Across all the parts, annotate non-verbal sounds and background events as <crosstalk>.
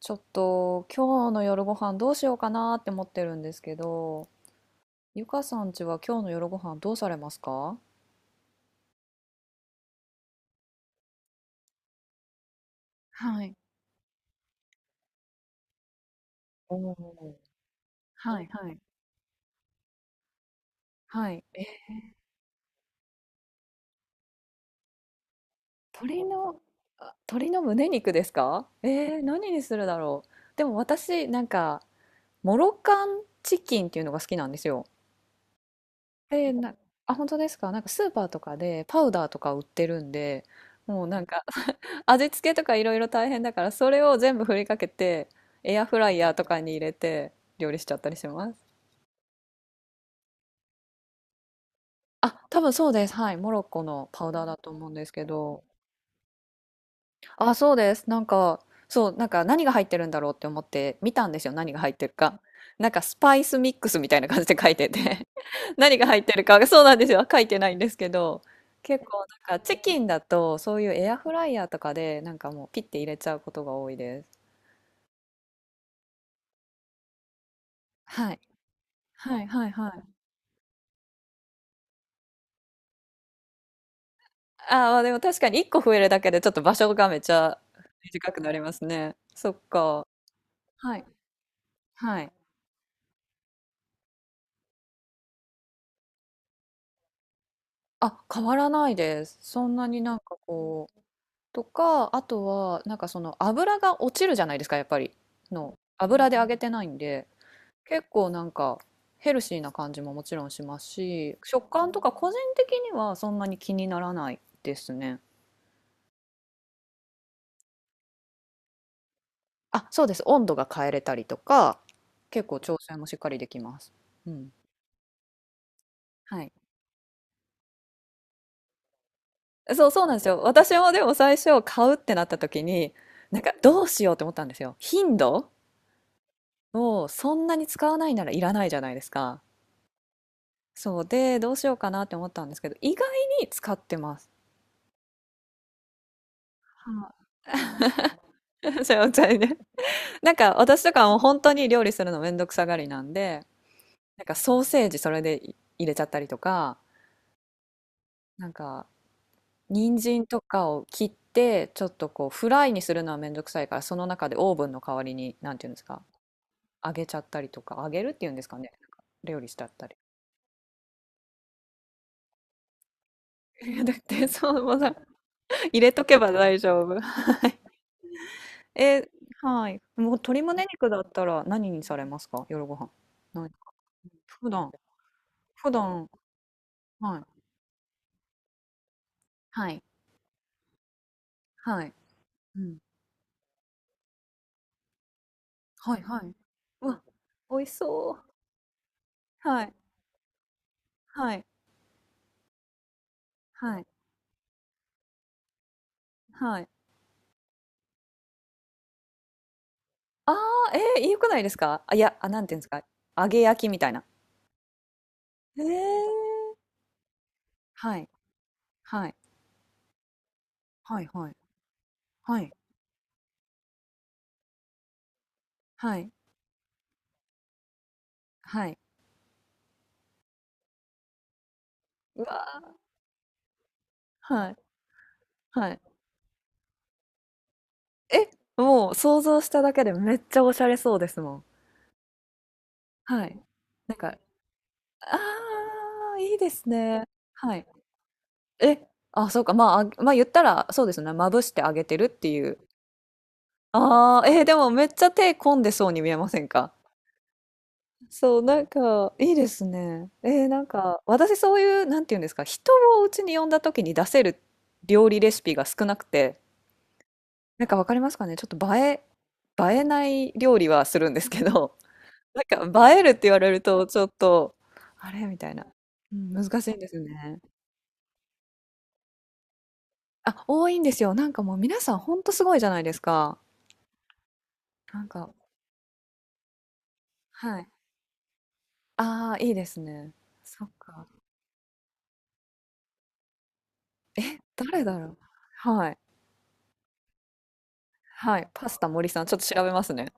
ちょっと今日の夜ご飯どうしようかなって思ってるんですけど、ゆかさんちは今日の夜ご飯どうされますか？はい、おー、はい、はい。はい。え、鶏の、あ、鶏の胸肉ですか？何にするだろう。でも私、なんか、モロカンチキンっていうのが好きなんですよ。で、あ、本当ですか？なんかスーパーとかでパウダーとか売ってるんで、もうなんか、味付けとかいろいろ大変だから、それを全部振りかけて、エアフライヤーとかに入れて料理しちゃったりします。あ、多分そうです。はい。モロッコのパウダーだと思うんですけど。あ、そうです。なんか、そう、なんか何が入ってるんだろうって思って見たんですよ。何が入ってるか。なんかスパイスミックスみたいな感じで書いてて <laughs> 何が入ってるかが、そうなんですよ。書いてないんですけど。結構なんかチキンだとそういうエアフライヤーとかでなんかもうピッて入れちゃうことが多いです。はい。はいはいはい。ああ、でも確かに1個増えるだけでちょっと場所がめちゃ短くなりますね。そっか。はい。はい。あ、変わらないです。そんなになんかこう。とか、あとは、なんかその油が落ちるじゃないですか、やっぱり。の。油で揚げてないんで、結構なんかヘルシーな感じももちろんしますし、食感とか個人的にはそんなに気にならないですね。あ、そうです。温度が変えれたりとか、結構調整もしっかりできます。うん。はい。そう、そうなんですよ。私もでも最初買うってなった時に、なんかどうしようって思ったんですよ。頻度をそんなに使わないならいらないじゃないですか。そうで、どうしようかなって思ったんですけど、意外に使ってます。はい <laughs> ませね <laughs>。なんか私とかも本当に料理するのめんどくさがりなんで、なんかソーセージそれで入れちゃったりとか、なんか人参とかを切って、ちょっとこうフライにするのはめんどくさいから、その中でオーブンの代わりに、なんていうんですか、揚げちゃったりとか、揚げるっていうんですかね。なんか料理しちゃったり。いやだってそうもうさ、入れとけば大丈夫。<laughs> え、はい。もう鶏胸肉だったら何にされますか？夜ご飯。何普段、普段、はい。はい。はい。うん。はいはい。うわ、美味しそう。はい。はい。はい。はい。ああ、えー、よくないですか？あ、いや、あ、なんていうんですか？揚げ焼きみたいな。えー、はい、はい、はいはい、はい、はい、はい。うわ、はい、はい。え、もう想像しただけでめっちゃおしゃれそうですもん。はい。なんか、ああ、いいですね。はい。え、あ、そうか、まあ、あまあ言ったら、そうですね、まぶしてあげてるっていう。ああ、えーでもめっちゃ手込んでそうに見えませんか？そう、なんか、いいですね。えーなんか、私そういう、なんていうんですか、人をうちに呼んだ時に出せる料理レシピが少なくて、なんかわかりますかね？ちょっと映えない料理はするんですけど、なんか映えるって言われると、ちょっと、あれ？みたいな。うん、難しいんですよね。あ、多いんですよ。なんかもう皆さんほんとすごいじゃないですか。なんか、はい。ああ、いいですね。そっか。え、誰だろう。はい。はい。パスタ森さん、ちょっと調べますね。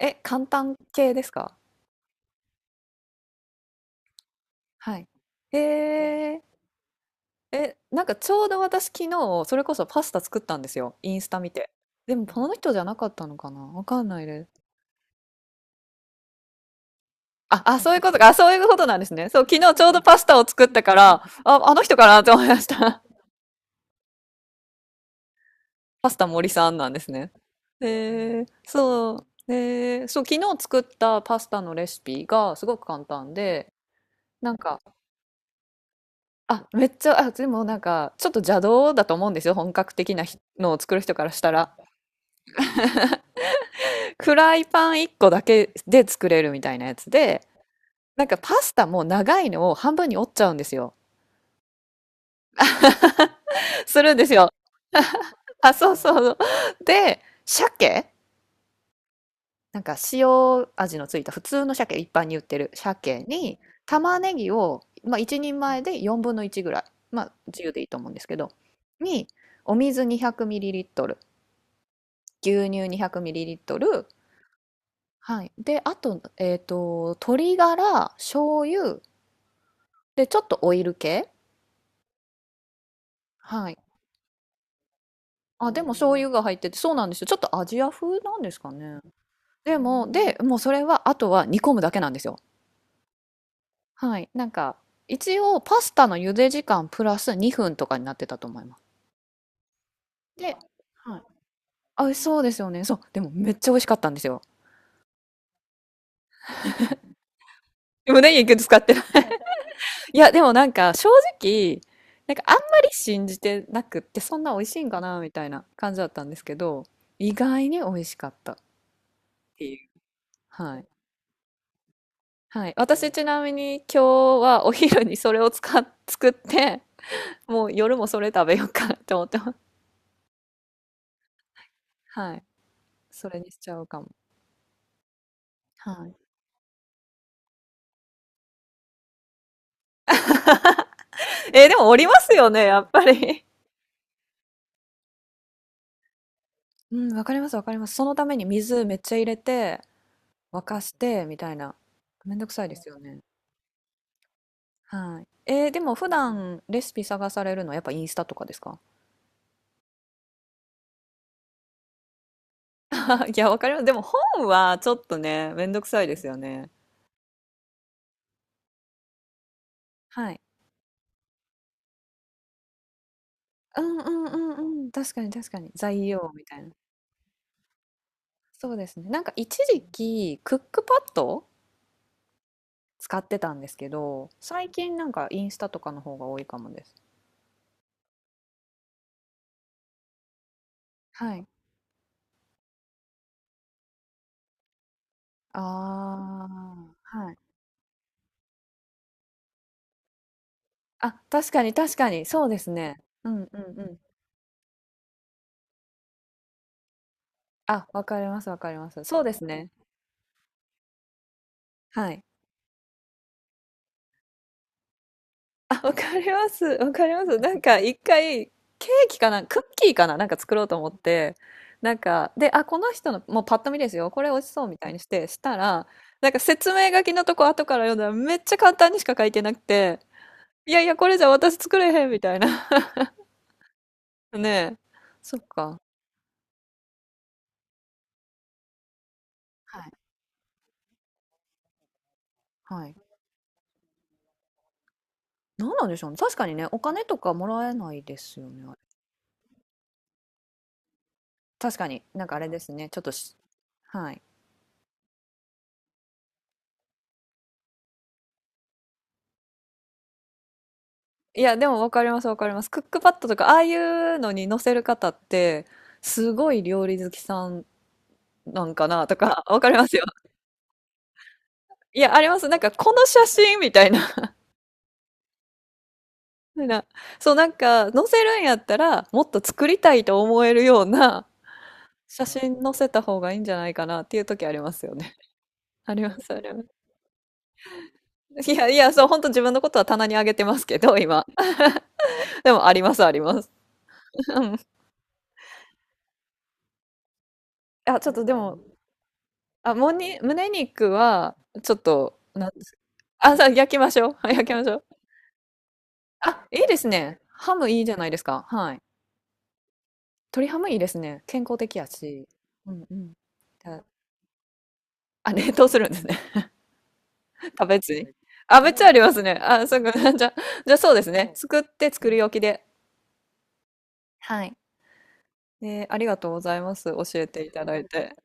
え、簡単系ですか？はい。へえ。え、なんかちょうど私昨日、それこそパスタ作ったんですよ、インスタ見て。でもこの人じゃなかったのかな、わかんないです。あ、あ、そういうことか。あ、そういうことなんですね。そう、昨日ちょうどパスタを作ったから、あ、あの人かなとて思いました。<laughs> パスタ森さんなんですね。へえ、そう。で、そう、昨日作ったパスタのレシピがすごく簡単で、なんか、あ、めっちゃ、あ、でもなんか、ちょっと邪道だと思うんですよ。本格的なひのを作る人からしたら。フライパン1個だけで作れるみたいなやつで、なんかパスタも長いのを半分に折っちゃうんですよ。するんですよ。あ、そうそう。で、鮭、なんか塩味のついた普通の鮭、一般に売ってる鮭に玉ねぎを、まあ、1人前で4分の1ぐらい、まあ、自由でいいと思うんですけど、にお水 200ml、牛乳 200ml、はい。で、あと、えっと、鶏ガラ、醤油、で、ちょっとオイル系。はい。あ、でも醤油が入ってて、そうなんですよ。ちょっとアジア風なんですかね。でも、で、もうそれは、あとは煮込むだけなんですよ。はい。なんか、一応パスタの茹で時間プラス2分とかになってたと思います。で、あ、そうですよね。そう。でもめっちゃ美味しかったんですよ。<laughs> でもね、肉使ってる。<laughs> いや、でもなんか正直、なんかあんまり信じてなくって、そんな美味しいんかなみたいな感じだったんですけど、意外に美味しかったっていう。はい。はい。私ちなみに今日はお昼にそれを作って、もう夜もそれ食べようかなって思ってます。はい。それにしちゃうかも。はい。<laughs> えーでもおりますよね、やっぱり。<laughs> うん、わかります、わかります。そのために水めっちゃ入れて、沸かして、みたいな。めんどくさいですよね。はい。えーでも普段レシピ探されるのはやっぱインスタとかですか？あ <laughs> いや、わかります。でも本はちょっとね、めんどくさいですよね。はい。うんうんうんうん。確かに確かに。材料みたいな。そうですね。なんか一時期、クックパッド使ってたんですけど、最近なんかインスタとかの方が多いかもです。はい。ああ、はい。あ、確かに確かに、そうですね。うんうんうん。あ、わかりますわかります。そうですね。はい。<laughs> あ、わかります。わかります。なんか一回、ケーキかな、クッキーかな、なんか作ろうと思って、なんか、で、あ、この人の、もうパッと見ですよ、これ美味しそうみたいにして、したら、なんか説明書きのとこ後から読んだらめっちゃ簡単にしか書いてなくて、いやいや、これじゃ私作れへんみたいな。<laughs> ねえ。そっか。はい。はい。何なんでしょうね。確かにね、お金とかもらえないですよね、確かになんかあれですね。ちょっとし、はい。いや、でもわかります、わかります。クックパッドとか、ああいうのに載せる方って、すごい料理好きさんなんかなとか、<laughs> わかりますよ。いや、あります。なんか、この写真みたいな。<laughs> なそう、なんか、載せるんやったら、もっと作りたいと思えるような写真載せた方がいいんじゃないかなっていう時ありますよね。<laughs> あります、あります。いや、いや、そう、本当自分のことは棚にあげてますけど、今。でも、あります、あります。<laughs> うん。あ、ちょっとでも、あ、胸肉は、ちょっと、なんです。<laughs> あ、焼きましょう。<laughs> はい、焼きましょう。あ、いいですね。ハムいいじゃないですか。はい。鶏ハムいいですね。健康的やし。うんうん。あ、あ冷凍するんですね。<laughs> 食べずに。あ、めっちゃありますね。あ、そうか。<laughs> じゃあ、じゃあそうですね。作って作り置きで。はい。えーありがとうございます。教えていただいて。